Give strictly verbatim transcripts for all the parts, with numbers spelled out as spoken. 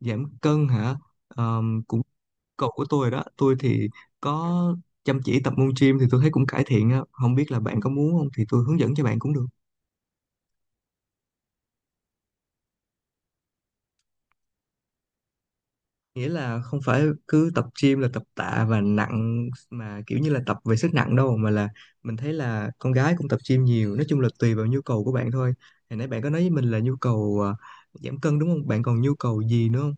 giảm cân hả Ờm, cũng cột của tôi rồi đó. Tôi thì có chăm chỉ tập môn gym thì tôi thấy cũng cải thiện á. Không biết là bạn có muốn không, thì tôi hướng dẫn cho bạn cũng được. Nghĩa là không phải cứ tập gym là tập tạ và nặng mà kiểu như là tập về sức nặng đâu, mà là mình thấy là con gái cũng tập gym nhiều. Nói chung là tùy vào nhu cầu của bạn thôi. Hồi nãy bạn có nói với mình là nhu cầu à, giảm cân đúng không, bạn còn nhu cầu gì nữa không?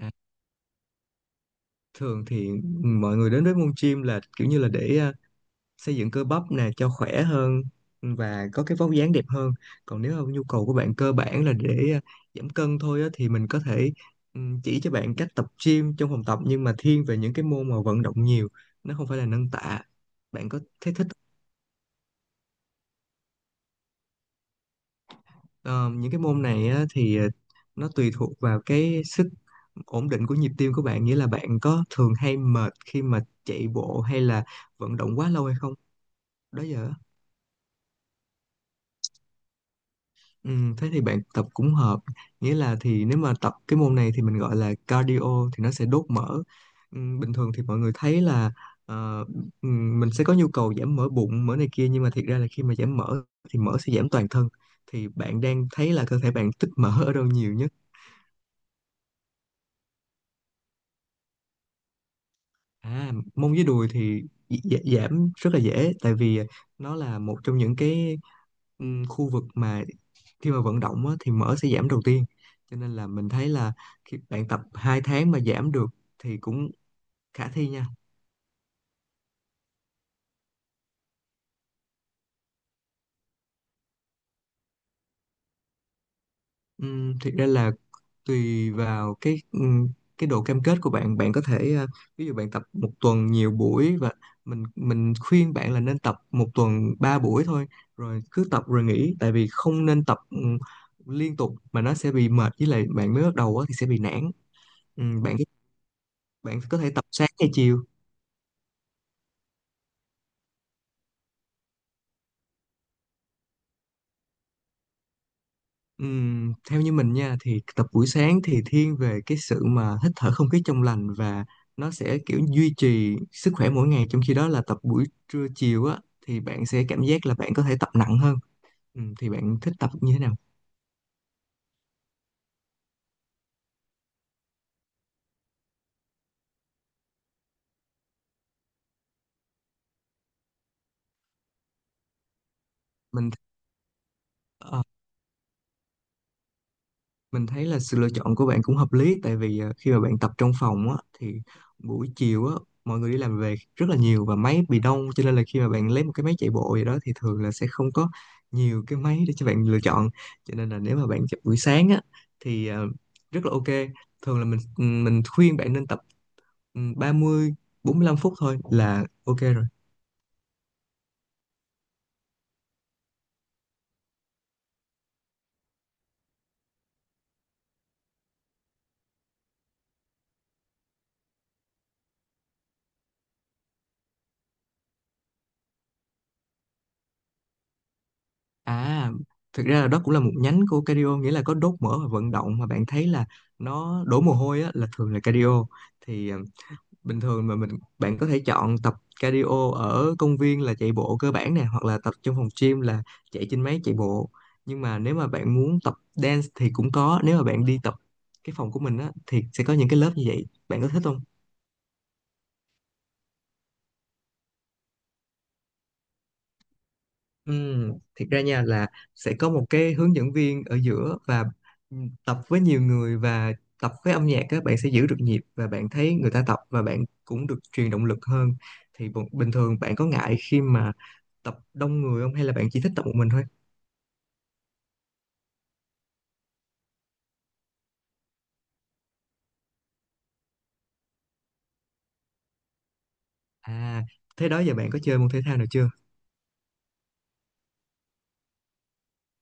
à, thường thì mọi người đến với môn gym là kiểu như là để à, xây dựng cơ bắp nè cho khỏe hơn và có cái vóc dáng đẹp hơn. Còn nếu mà nhu cầu của bạn cơ bản là để à, giảm cân thôi á, thì mình có thể ừm, chỉ cho bạn cách tập gym trong phòng tập, nhưng mà thiên về những cái môn mà vận động nhiều, nó không phải là nâng tạ. Bạn có thế thích? ờ, những cái môn này á, thì à, nó tùy thuộc vào cái sức ổn định của nhịp tim của bạn. Nghĩa là bạn có thường hay mệt khi mà chạy bộ hay là vận động quá lâu hay không, đó giờ? Ừ, thế thì bạn tập cũng hợp. Nghĩa là thì nếu mà tập cái môn này thì mình gọi là cardio, thì nó sẽ đốt mỡ. Ừ, bình thường thì mọi người thấy là ờ, ừ, mình sẽ có nhu cầu giảm mỡ bụng mỡ này kia, nhưng mà thiệt ra là khi mà giảm mỡ thì mỡ sẽ giảm toàn thân. Thì bạn đang thấy là cơ thể bạn tích mỡ ở đâu nhiều nhất? À, mông với đùi thì gi- gi- giảm rất là dễ. Tại vì nó là một trong những cái ừm, khu vực mà khi mà vận động á, thì mỡ sẽ giảm đầu tiên. Cho nên là mình thấy là khi bạn tập hai tháng mà giảm được thì cũng khả thi nha. Ừm, thực ra là tùy vào cái ừm, cái độ cam kết của bạn. Bạn có thể ờ, ví dụ bạn tập một tuần nhiều buổi, và mình mình khuyên bạn là nên tập một tuần ba buổi thôi, rồi cứ tập rồi nghỉ. Tại vì không nên tập ừm, liên tục, mà nó sẽ bị mệt, với lại bạn mới bắt đầu á thì sẽ bị nản. Ừm, bạn bạn có thể tập sáng hay chiều. Ừm, theo như mình nha thì tập buổi sáng thì thiên về cái sự mà hít thở không khí trong lành, và nó sẽ kiểu duy trì sức khỏe mỗi ngày. Trong khi đó là tập buổi trưa chiều á thì bạn sẽ cảm giác là bạn có thể tập nặng hơn. Ừm, thì bạn thích tập như thế nào? Mình ờ, mình thấy là sự lựa chọn của bạn cũng hợp lý. Tại vì ờ, khi mà bạn tập trong phòng á thì buổi chiều á, mọi người đi làm về rất là nhiều và máy bị đông. Cho nên là khi mà bạn lấy một cái máy chạy bộ gì đó thì thường là sẽ không có nhiều cái máy để cho bạn lựa chọn. Cho nên là nếu mà bạn chọn buổi sáng á thì ờ, rất là ok. Thường là mình ừ, mình khuyên bạn nên tập ừ, ba mươi bốn mươi lăm phút thôi là ok rồi. À, thực ra là đó cũng là một nhánh của cardio, nghĩa là có đốt mỡ và vận động. Mà bạn thấy là nó đổ mồ hôi á là thường là cardio. Thì bình thường mà mình, bạn có thể chọn tập cardio ở công viên là chạy bộ cơ bản nè, hoặc là tập trong phòng gym là chạy trên máy chạy bộ. Nhưng mà nếu mà bạn muốn tập dance thì cũng có, nếu mà bạn đi tập cái phòng của mình á thì sẽ có những cái lớp như vậy. Bạn có thích không? Ừm, thiệt ra nha là sẽ có một cái hướng dẫn viên ở giữa và ừm, tập với nhiều người, và tập với âm nhạc, các bạn sẽ giữ được nhịp và bạn thấy người ta tập và bạn cũng được truyền động lực hơn. Thì bu- bình thường bạn có ngại khi mà tập đông người không, hay là bạn chỉ thích tập một mình thôi? À, thế đó giờ bạn có chơi môn thể thao nào chưa?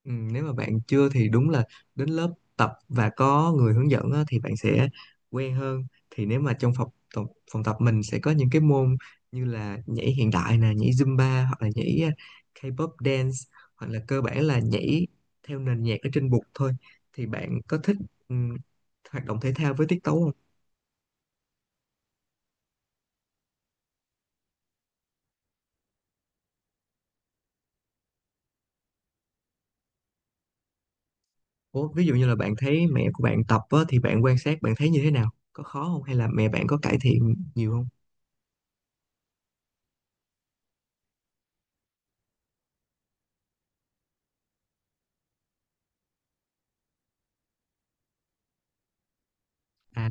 Ừ, nếu mà bạn chưa thì đúng là đến lớp tập và có người hướng dẫn á, thì bạn sẽ quen hơn. Thì nếu mà trong phòng tập, phòng tập mình sẽ có những cái môn như là nhảy hiện đại nè, nhảy Zumba, hoặc là nhảy uh, K-pop dance, hoặc là cơ bản là nhảy theo nền nhạc ở trên bục thôi. Thì bạn có thích ừm, hoạt động thể thao với tiết tấu không? Ủa, ví dụ như là bạn thấy mẹ của bạn tập á, thì bạn quan sát bạn thấy như thế nào? Có khó không hay là mẹ bạn có cải thiện nhiều không? À,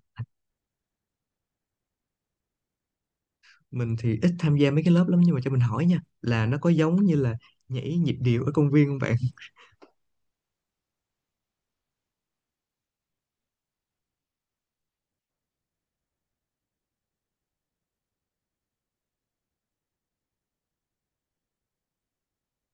mình thì ít tham gia mấy cái lớp lắm, nhưng mà cho mình hỏi nha là nó có giống như là nhảy nhịp điệu ở công viên không bạn?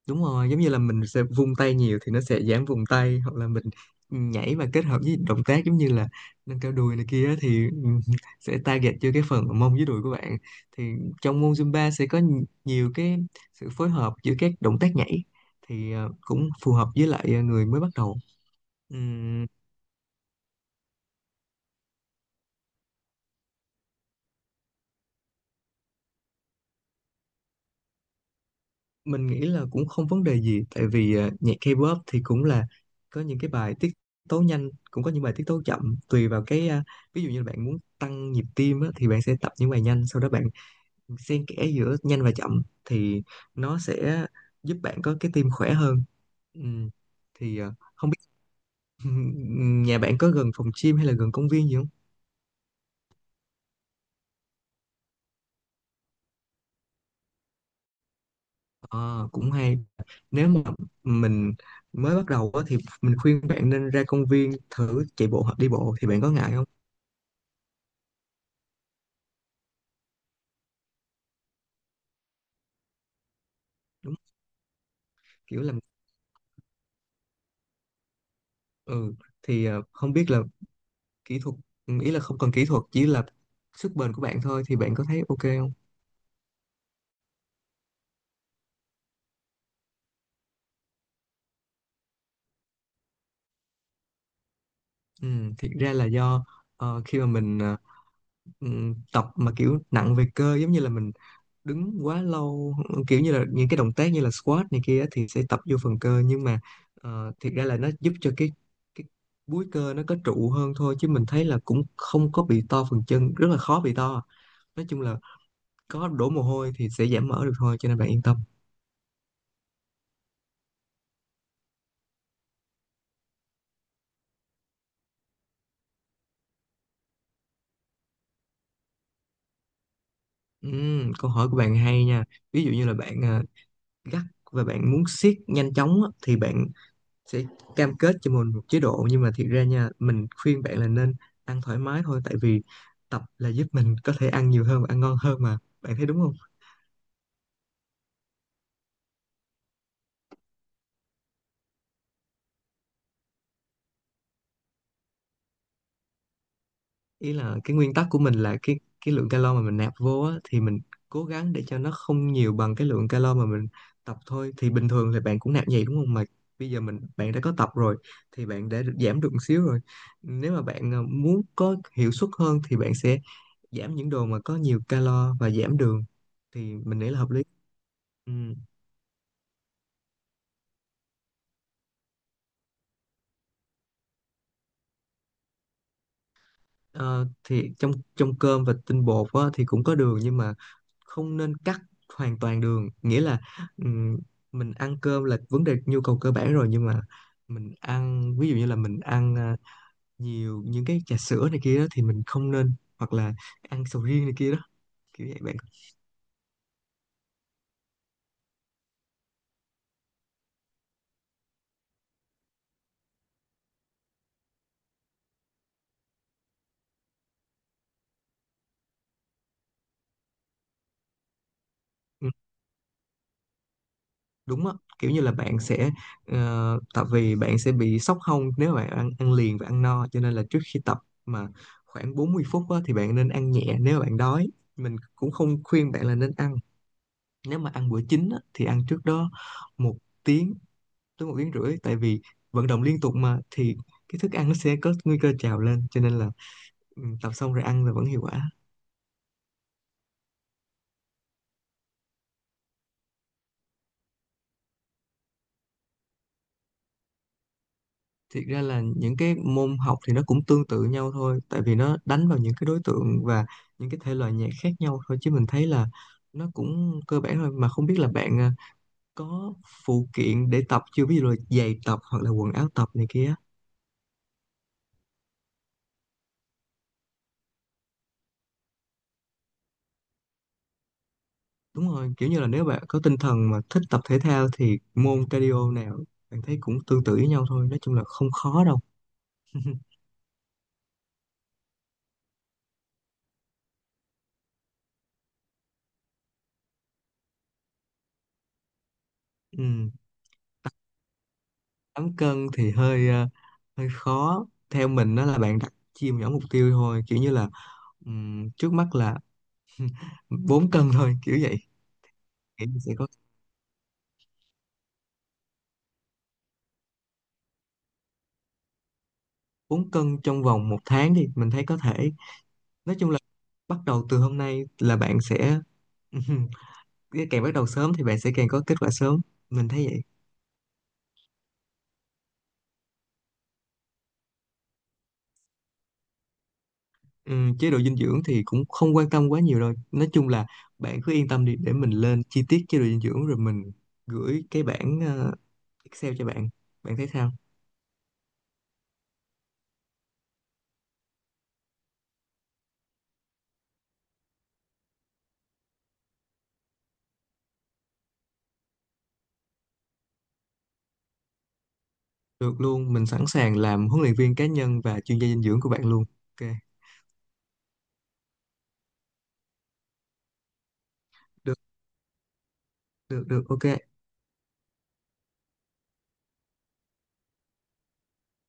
Đúng rồi, giống như là mình sẽ vung tay nhiều thì nó sẽ giảm vùng tay, hoặc là mình nhảy mà kết hợp với động tác giống như là nâng cao đùi này kia á thì ừm, sẽ target cho cái phần mông với đùi của bạn. Thì trong môn Zumba sẽ có nhi- nhiều cái sự phối hợp giữa các động tác nhảy, thì ờ, cũng phù hợp với lại ờ, người mới bắt đầu. Mình nghĩ là cũng không vấn đề gì, tại vì ờ, nhạc K-pop thì cũng là có những cái bài tiết tấu nhanh, cũng có những bài tiết tấu chậm. Tùy vào cái ờ, ví dụ như bạn muốn tăng nhịp tim á, thì bạn sẽ tập những bài nhanh, sau đó bạn xen kẽ giữa nhanh và chậm thì nó sẽ giúp bạn có cái tim khỏe hơn. Ừ. Thì ờ, không biết nhà bạn có gần phòng gym hay là gần công viên gì không? Ờ, cũng hay. Nếu mà mình mới bắt đầu á, thì mình khuyên bạn nên ra công viên thử chạy bộ hoặc đi bộ. Thì bạn có ngại không? Đúng, kiểu làm, ừ. Thì ờ, không biết là kỹ thuật, ừ, ý là không cần kỹ thuật, chỉ là sức bền của bạn thôi. Thì bạn có thấy ok không? Ừ, thiệt ra là do ờ, khi mà mình ờ, ừm, tập mà kiểu nặng về cơ, giống như là mình đứng quá lâu, kiểu như là những cái động tác như là squat này kia á, thì sẽ tập vô phần cơ. Nhưng mà ờ, thiệt ra là nó giúp cho cái cái búi cơ nó có trụ hơn thôi, chứ mình thấy là cũng không có bị to phần chân, rất là khó bị to. Nói chung là có đổ mồ hôi thì sẽ giảm mỡ được thôi, cho nên bạn yên tâm. Ừm, câu hỏi của bạn hay nha. Ví dụ như là bạn à, gắt và bạn muốn siết nhanh chóng á, thì bạn sẽ cam kết cho mình một chế độ. Nhưng mà thiệt ra nha, mình khuyên bạn là nên ăn thoải mái thôi. Tại vì tập là giúp mình có thể ăn nhiều hơn và ăn ngon hơn mà. Bạn thấy đúng không? Ý là cái nguyên tắc của mình là cái cái lượng calo mà mình nạp vô á, thì mình cố gắng để cho nó không nhiều bằng cái lượng calo mà mình tập thôi. Thì bình thường thì bạn cũng nạp vậy đúng không, mà bây giờ mình bạn đã có tập rồi thì bạn đã được giảm được một xíu rồi. Nếu mà bạn ờ, muốn có hiệu suất hơn thì bạn sẽ giảm những đồ mà có nhiều calo và giảm đường, thì mình nghĩ là hợp lý. Ừ. Ờ, thì trong trong cơm và tinh bột á, thì cũng có đường, nhưng mà không nên cắt hoàn toàn đường. Nghĩa là ừm, mình ăn cơm là vấn đề nhu cầu cơ bản rồi, nhưng mà mình ăn ví dụ như là mình ăn à, nhiều những cái trà sữa này kia đó thì mình không nên, hoặc là ăn sầu riêng này kia đó, kiểu vậy bạn. Ừ, đúng á, kiểu như là bạn sẽ ờ, tại vì bạn sẽ bị sốc hông nếu bạn ăn ăn liền và ăn no. Cho nên là trước khi tập mà khoảng bốn mươi phút á, thì bạn nên ăn nhẹ nếu bạn đói. Mình cũng không khuyên bạn là nên ăn, nếu mà ăn bữa chính á, thì ăn trước đó một tiếng tới một tiếng rưỡi. Tại vì vận động liên tục mà thì cái thức ăn nó sẽ có nguy cơ trào lên, cho nên là ừ, tập xong rồi ăn là vẫn hiệu quả. Thiệt ra là những cái môn học thì nó cũng tương tự nhau thôi, tại vì nó đánh vào những cái đối tượng và những cái thể loại nhạc khác nhau thôi, chứ mình thấy là nó cũng cơ bản thôi. Mà không biết là bạn à, có phụ kiện để tập chưa, ví dụ là giày tập hoặc là quần áo tập này kia. Đúng rồi, kiểu như là nếu bạn có tinh thần mà thích tập thể thao thì môn cardio nào bạn thấy cũng tương tự với nhau thôi, nói chung là không khó đâu. Ừ, tám cân thì hơi ờ, hơi khó theo mình, đó là bạn đặt chia nhỏ mục tiêu thôi, kiểu như là ừm, trước mắt là bốn cân thôi kiểu vậy. Nghĩ mình sẽ có bốn cân trong vòng một tháng đi, mình thấy có thể. Nói chung là bắt đầu từ hôm nay là bạn sẽ càng bắt đầu sớm thì bạn sẽ càng có kết quả sớm. Mình thấy vậy. Ừm, chế độ dinh dưỡng thì cũng không quan tâm quá nhiều đâu, nói chung là bạn cứ yên tâm đi, để mình lên chi tiết chế độ dinh dưỡng rồi mình gửi cái bảng ờ, Excel cho bạn. Bạn thấy sao? Được luôn, mình sẵn sàng làm huấn luyện viên cá nhân và chuyên gia dinh dưỡng của bạn luôn. Ok, được, được, được, ok.